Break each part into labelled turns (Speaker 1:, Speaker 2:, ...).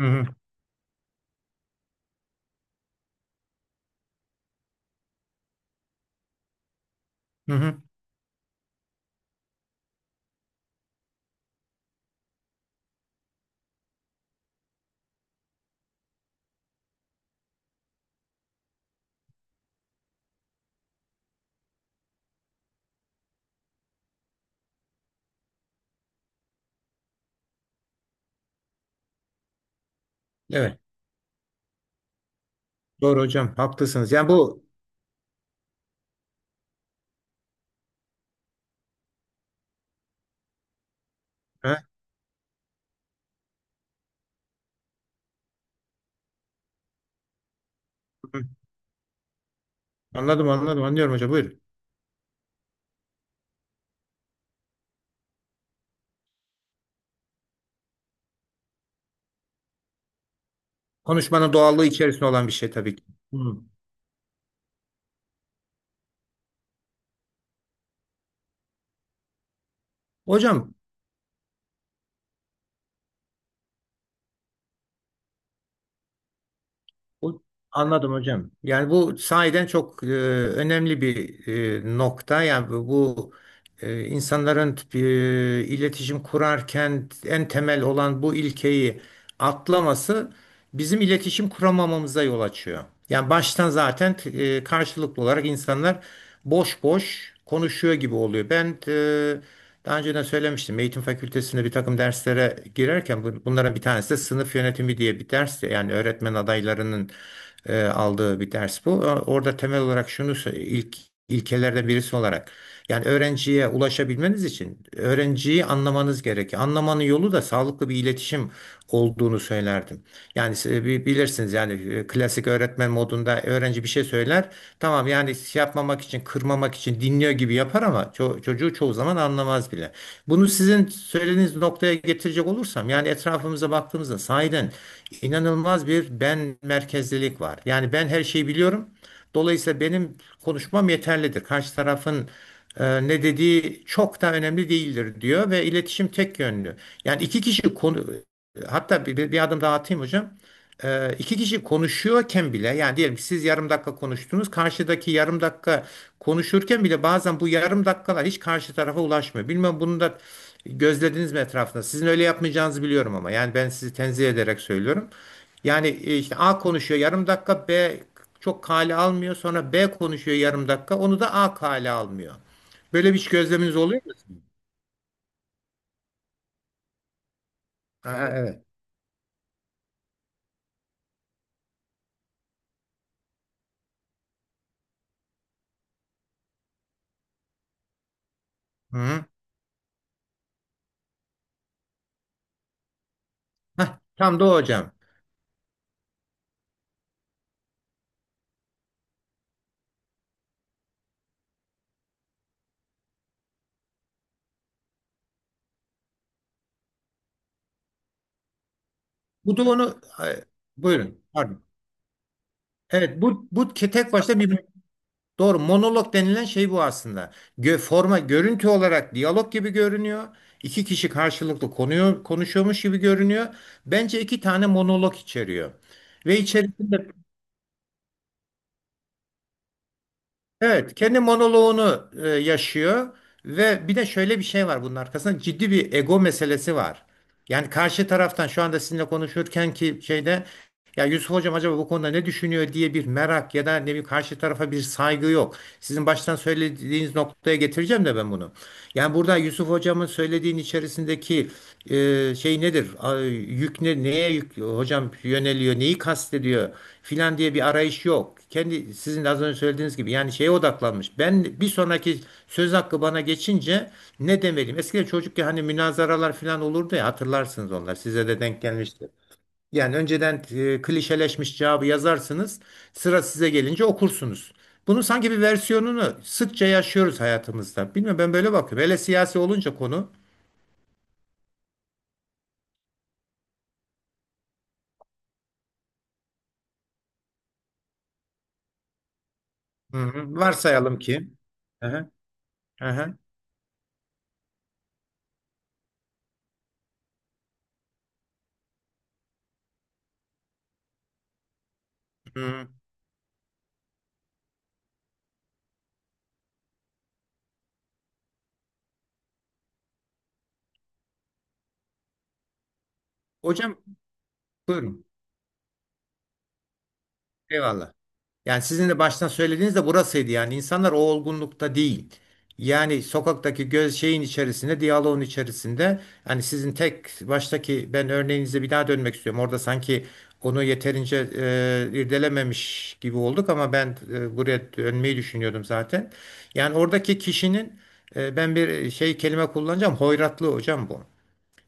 Speaker 1: Hı hı, hı hı. Evet. Doğru hocam. Haklısınız. Yani bu... He? Hı hı. Anladım anladım. Anlıyorum hocam. Buyurun. Konuşmanın doğallığı içerisinde olan bir şey tabii ki. Hı. Hocam. Bu- Anladım hocam. Yani bu sahiden çok önemli bir nokta. Yani bu, insanların iletişim kurarken en temel olan bu ilkeyi atlaması bizim iletişim kuramamamıza yol açıyor. Yani baştan zaten karşılıklı olarak insanlar boş boş konuşuyor gibi oluyor. Ben daha önceden söylemiştim. Eğitim fakültesinde bir takım derslere girerken bunların bir tanesi de sınıf yönetimi diye bir ders. Yani öğretmen adaylarının aldığı bir ders bu. Orada temel olarak şunu ilkelerden birisi olarak yani öğrenciye ulaşabilmeniz için öğrenciyi anlamanız gerekiyor. Anlamanın yolu da sağlıklı bir iletişim olduğunu söylerdim. Yani bilirsiniz yani klasik öğretmen modunda öğrenci bir şey söyler. Tamam yani şey yapmamak için, kırmamak için dinliyor gibi yapar ama çocuğu çoğu zaman anlamaz bile. Bunu sizin söylediğiniz noktaya getirecek olursam yani etrafımıza baktığımızda sahiden inanılmaz bir ben merkezlilik var. Yani ben her şeyi biliyorum. Dolayısıyla benim konuşmam yeterlidir. Karşı tarafın ne dediği çok da önemli değildir diyor ve iletişim tek yönlü. Yani iki kişi konu Hatta bir adım daha atayım hocam. İki kişi konuşuyorken bile yani diyelim ki siz yarım dakika konuştunuz. Karşıdaki yarım dakika konuşurken bile bazen bu yarım dakikalar hiç karşı tarafa ulaşmıyor. Bilmem bunu da gözlediniz mi etrafında? Sizin öyle yapmayacağınızı biliyorum ama yani ben sizi tenzih ederek söylüyorum. Yani işte A konuşuyor yarım dakika B çok kale almıyor. Sonra B konuşuyor yarım dakika onu da A kale almıyor. Böyle bir hiç gözleminiz oluyor mu? Ha, evet. Hı-hı. Hah, tam da o hocam. Bu da onu... e, Buyurun, pardon. Evet, bu tek başta bir, doğru, monolog denilen şey bu aslında. Gö, forma Görüntü olarak diyalog gibi görünüyor. İki kişi karşılıklı konuşuyormuş gibi görünüyor. Bence iki tane monolog içeriyor. Ve içerisinde Evet, kendi monoloğunu yaşıyor ve bir de şöyle bir şey var, bunun arkasında ciddi bir ego meselesi var. Yani karşı taraftan şu anda sizinle konuşurken ki şeyde, ya Yusuf hocam acaba bu konuda ne düşünüyor diye bir merak ya da ne bir karşı tarafa bir saygı yok. Sizin baştan söylediğiniz noktaya getireceğim de ben bunu. Yani burada Yusuf hocamın söylediğin içerisindeki şey nedir? Yük ne, neye yük hocam yöneliyor, neyi kastediyor filan diye bir arayış yok, kendi sizin de az önce söylediğiniz gibi yani şeye odaklanmış. Ben bir sonraki söz hakkı bana geçince ne demeliyim? Eskiden çocukken hani münazaralar falan olurdu ya, hatırlarsınız onlar. Size de denk gelmiştir. Yani önceden klişeleşmiş cevabı yazarsınız. Sıra size gelince okursunuz. Bunun sanki bir versiyonunu sıkça yaşıyoruz hayatımızda. Bilmiyorum, ben böyle bakıyorum. Hele siyasi olunca konu. Hı hı. Varsayalım ki. Hı hı. Hı hı. Hı. Hı. Hocam buyurun. Eyvallah. Yani sizin de baştan söylediğiniz de burasıydı, yani insanlar o olgunlukta değil. Yani sokaktaki göz şeyin içerisinde, diyaloğun içerisinde, hani sizin tek baştaki ben örneğinize bir daha dönmek istiyorum. Orada sanki onu yeterince irdelememiş gibi olduk, ama ben buraya dönmeyi düşünüyordum zaten. Yani oradaki kişinin ben bir şey kelime kullanacağım. Hoyratlı hocam bu.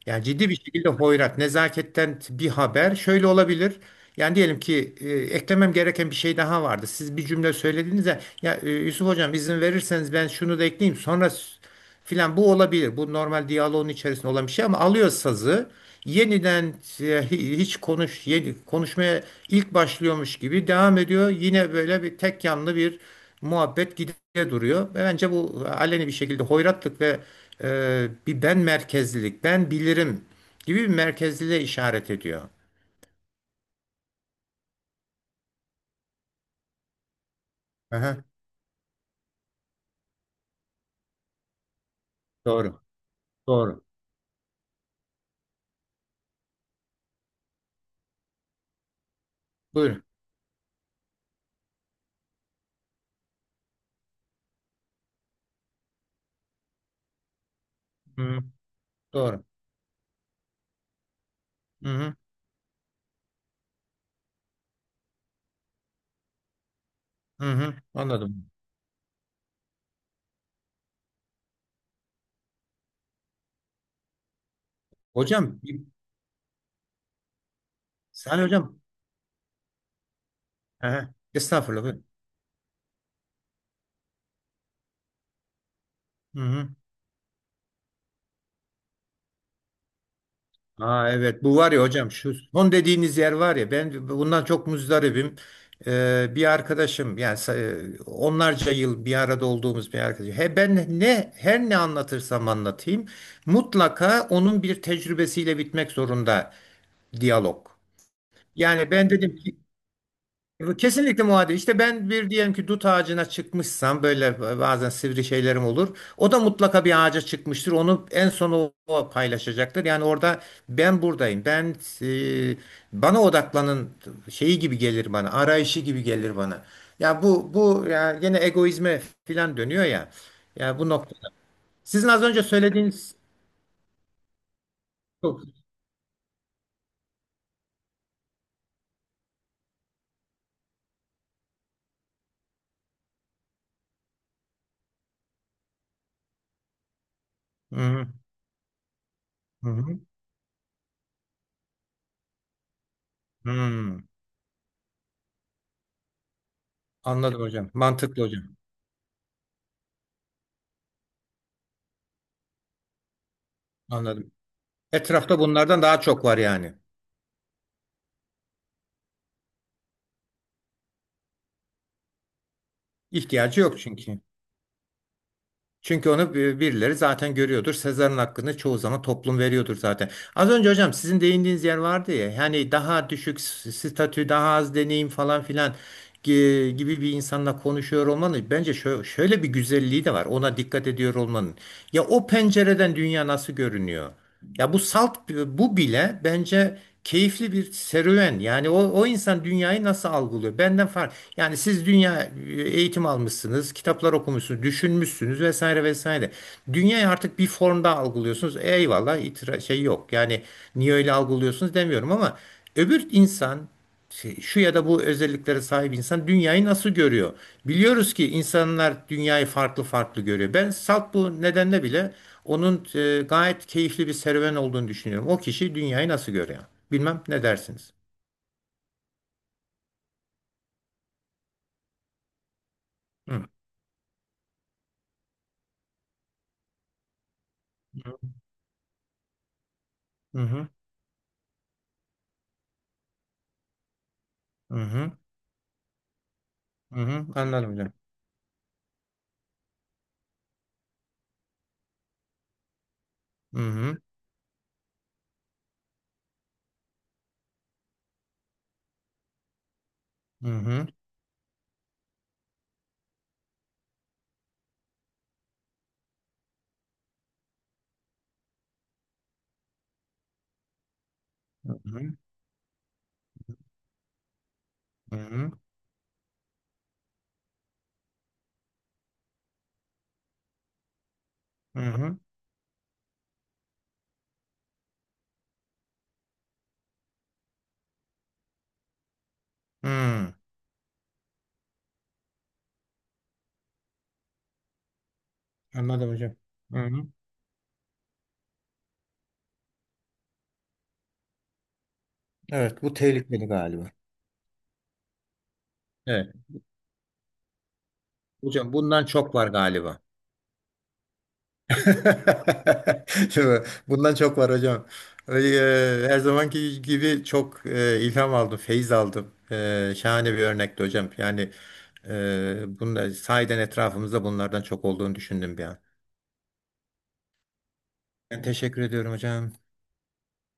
Speaker 1: Yani ciddi bir şekilde hoyrat, nezaketten bir haber, şöyle olabilir. Yani diyelim ki eklemem gereken bir şey daha vardı. Siz bir cümle söylediğinizde, ya Yusuf hocam izin verirseniz ben şunu da ekleyeyim sonra filan, bu olabilir. Bu normal diyaloğun içerisinde olan bir şey, ama alıyor sazı yeniden e, hiç yeni konuşmaya ilk başlıyormuş gibi devam ediyor. Yine böyle bir tek yanlı bir muhabbet gide duruyor. Ve bence bu aleni bir şekilde hoyratlık ve bir ben merkezlilik, ben bilirim gibi bir merkezliliğe işaret ediyor. Aha, doğru, doğru. Buyurun. Hı, doğru. Hı hı, hı hı, anladım. Hocam, Salih hocam. Aha, estağfurullah. Buyurun. Hı hı. Ha, evet, bu var ya hocam, şu son dediğiniz yer var ya, ben bundan çok muzdaribim. Bir arkadaşım, yani onlarca yıl bir arada olduğumuz bir arkadaşım. He, ben her ne anlatırsam anlatayım mutlaka onun bir tecrübesiyle bitmek zorunda diyalog. Yani ben dedim ki bu kesinlikle muadil. İşte ben bir diyelim ki dut ağacına çıkmışsam, böyle bazen sivri şeylerim olur. O da mutlaka bir ağaca çıkmıştır. Onu en son o paylaşacaktır. Yani orada ben buradayım. Ben e, bana odaklanın şeyi gibi gelir bana. Arayışı gibi gelir bana. Ya bu ya gene egoizme filan dönüyor ya. Ya bu noktada. Sizin az önce söylediğiniz... Hı hı, hı hı, hı. Hmm. Anladım hocam. Mantıklı hocam. Anladım. Etrafta bunlardan daha çok var yani. İhtiyacı yok çünkü. Çünkü onu birileri zaten görüyordur. Sezar'ın hakkını çoğu zaman toplum veriyordur zaten. Az önce hocam sizin değindiğiniz yer vardı ya. Yani daha düşük statü, daha az deneyim falan filan gibi bir insanla konuşuyor olmanın bence şöyle bir güzelliği de var. Ona dikkat ediyor olmanın. Ya o pencereden dünya nasıl görünüyor? Ya bu salt bu bile bence keyifli bir serüven. Yani o insan dünyayı nasıl algılıyor? Benden fark. Yani siz dünya eğitim almışsınız, kitaplar okumuşsunuz, düşünmüşsünüz vesaire vesaire. Dünyayı artık bir formda algılıyorsunuz. Eyvallah, şey yok. Yani niye öyle algılıyorsunuz demiyorum, ama öbür insan, şu ya da bu özelliklere sahip insan dünyayı nasıl görüyor? Biliyoruz ki insanlar dünyayı farklı farklı görüyor. Ben salt bu nedenle bile onun gayet keyifli bir serüven olduğunu düşünüyorum. O kişi dünyayı nasıl görüyor? Bilmem ne dersiniz? Hı hı, hı hı, hı hı, hı. Anladım hocam. Hı hı, hı hı, hı hı, hı hı. Hı. Anladım hocam. Hı hı. Evet, bu tehlikeli galiba. Evet. Hocam bundan çok var galiba. Değil. Bundan çok var hocam. Ee, Her zamanki gibi çok ilham aldım, feyiz aldım. Şahane bir örnekti hocam. Yani e, bunlar, sahiden etrafımızda bunlardan çok olduğunu düşündüm bir an. Ben teşekkür ediyorum hocam.